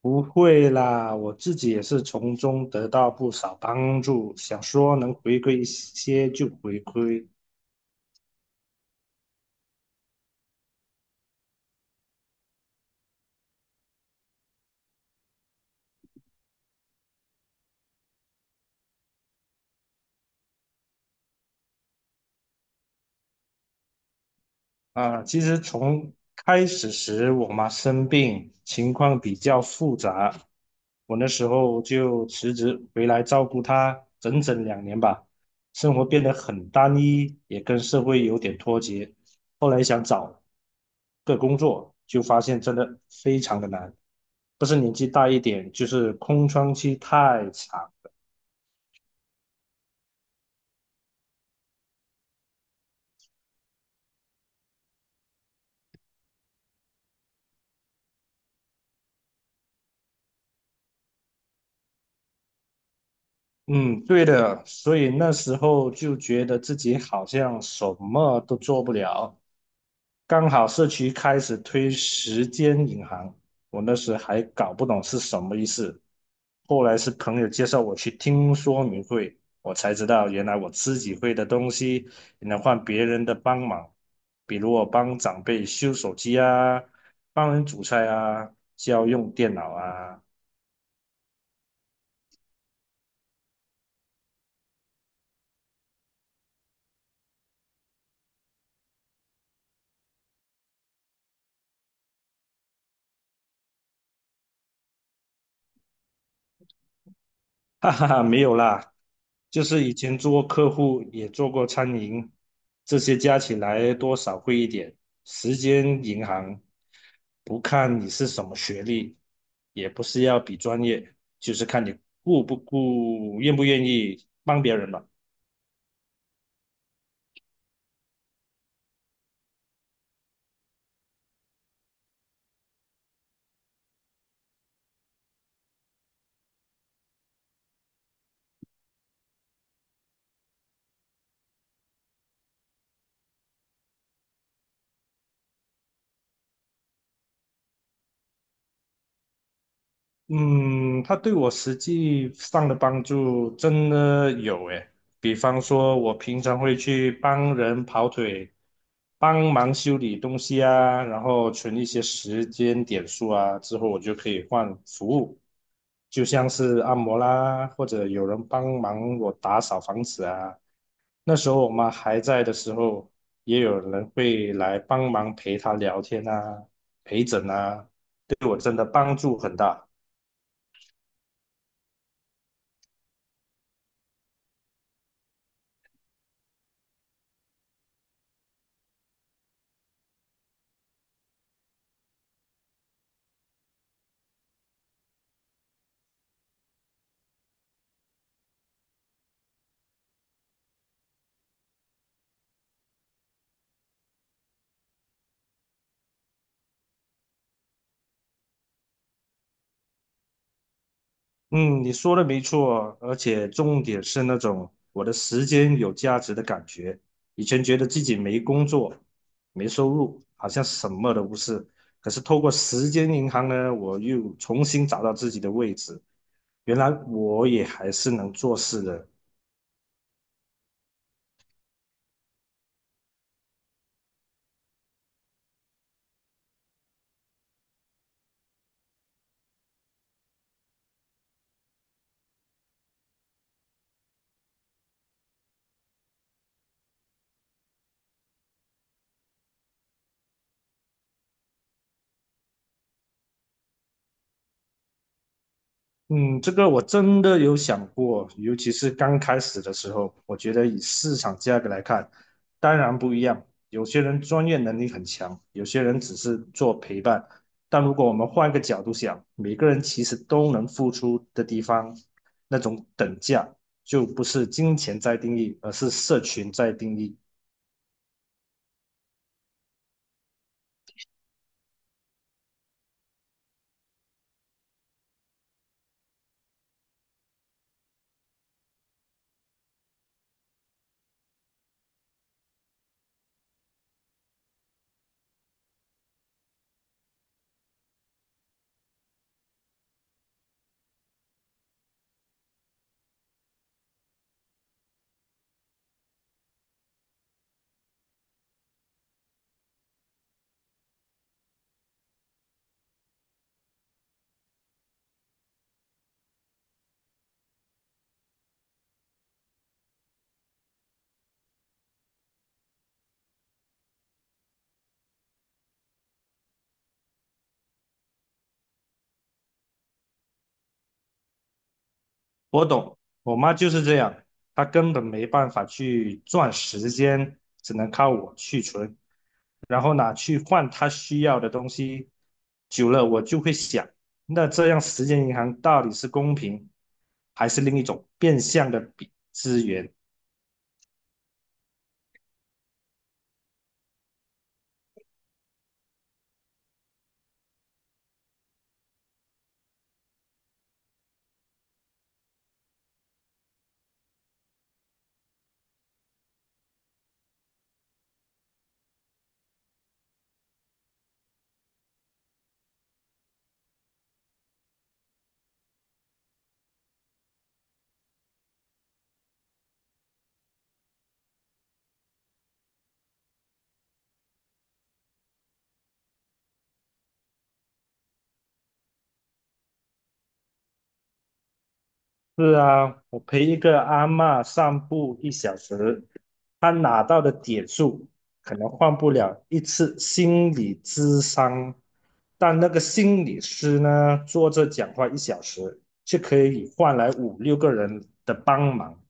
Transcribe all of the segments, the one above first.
不会啦，我自己也是从中得到不少帮助，想说能回馈一些就回馈，啊，其实从开始时我妈生病，情况比较复杂，我那时候就辞职回来照顾她整整2年吧，生活变得很单一，也跟社会有点脱节。后来想找个工作，就发现真的非常的难，不是年纪大一点，就是空窗期太长，嗯，对的，所以那时候就觉得自己好像什么都做不了。刚好社区开始推时间银行，我那时还搞不懂是什么意思。后来是朋友介绍我去听说明会，我才知道原来我自己会的东西也能换别人的帮忙，比如我帮长辈修手机啊，帮人煮菜啊，教用电脑啊。哈哈哈，没有啦，就是以前做过客户也做过餐饮，这些加起来多少贵一点。时间银行，不看你是什么学历，也不是要比专业，就是看你顾不顾，愿不愿意帮别人吧。嗯，它对我实际上的帮助真的有诶，比方说，我平常会去帮人跑腿，帮忙修理东西啊，然后存一些时间点数啊，之后我就可以换服务，就像是按摩啦，或者有人帮忙我打扫房子啊。那时候我妈还在的时候，也有人会来帮忙陪她聊天啊、陪诊啊，对我真的帮助很大。嗯，你说的没错，而且重点是那种我的时间有价值的感觉。以前觉得自己没工作、没收入，好像什么都不是。可是透过时间银行呢，我又重新找到自己的位置。原来我也还是能做事的，嗯，这个我真的有想过，尤其是刚开始的时候，我觉得以市场价格来看，当然不一样。有些人专业能力很强，有些人只是做陪伴。但如果我们换个角度想，每个人其实都能付出的地方，那种等价就不是金钱在定义，而是社群在定义。我懂，我妈就是这样，她根本没办法去赚时间，只能靠我去存，然后拿去换她需要的东西。久了，我就会想，那这样时间银行到底是公平，还是另一种变相的比资源？是啊，我陪一个阿嬷散步一小时，她拿到的点数可能换不了一次心理咨商，但那个心理师呢，坐着讲话一小时，却可以换来五六个人的帮忙。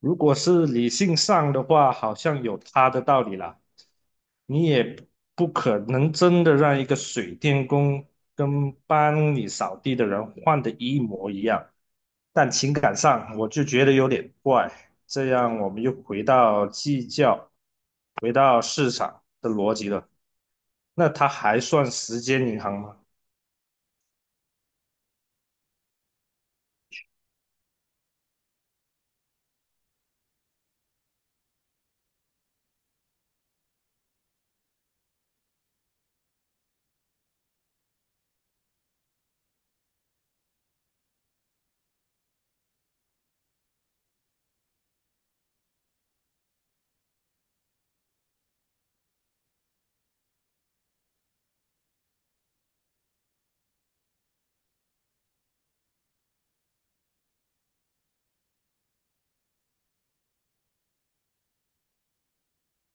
如果是理性上的话，好像有他的道理啦。你也不可能真的让一个水电工跟帮你扫地的人换的一模一样，但情感上我就觉得有点怪。这样我们又回到计较，回到市场的逻辑了。那它还算时间银行吗？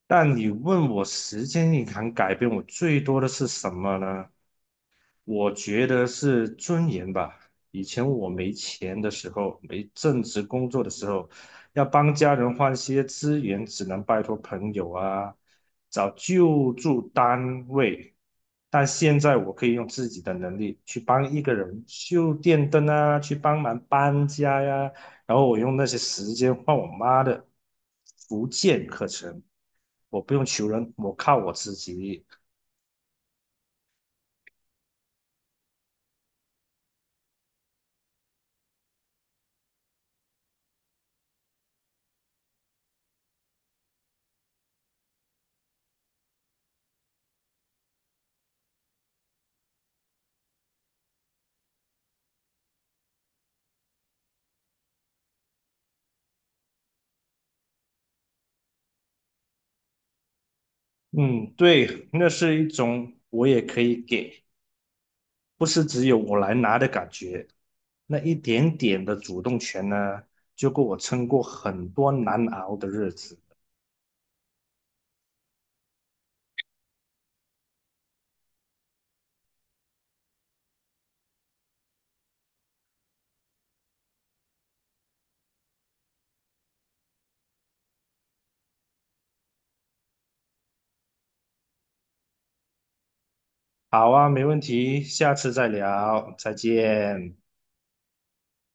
但你问我时间银行改变我最多的是什么呢？我觉得是尊严吧。以前我没钱的时候，没正职工作的时候，要帮家人换些资源，只能拜托朋友啊，找救助单位。但现在我可以用自己的能力去帮一个人修电灯啊，去帮忙搬家呀、然后我用那些时间换我妈的福建课程，我不用求人，我靠我自己。嗯，对，那是一种我也可以给，不是只有我来拿的感觉。那一点点的主动权呢，就够我撑过很多难熬的日子。好啊，没问题，下次再聊，再见。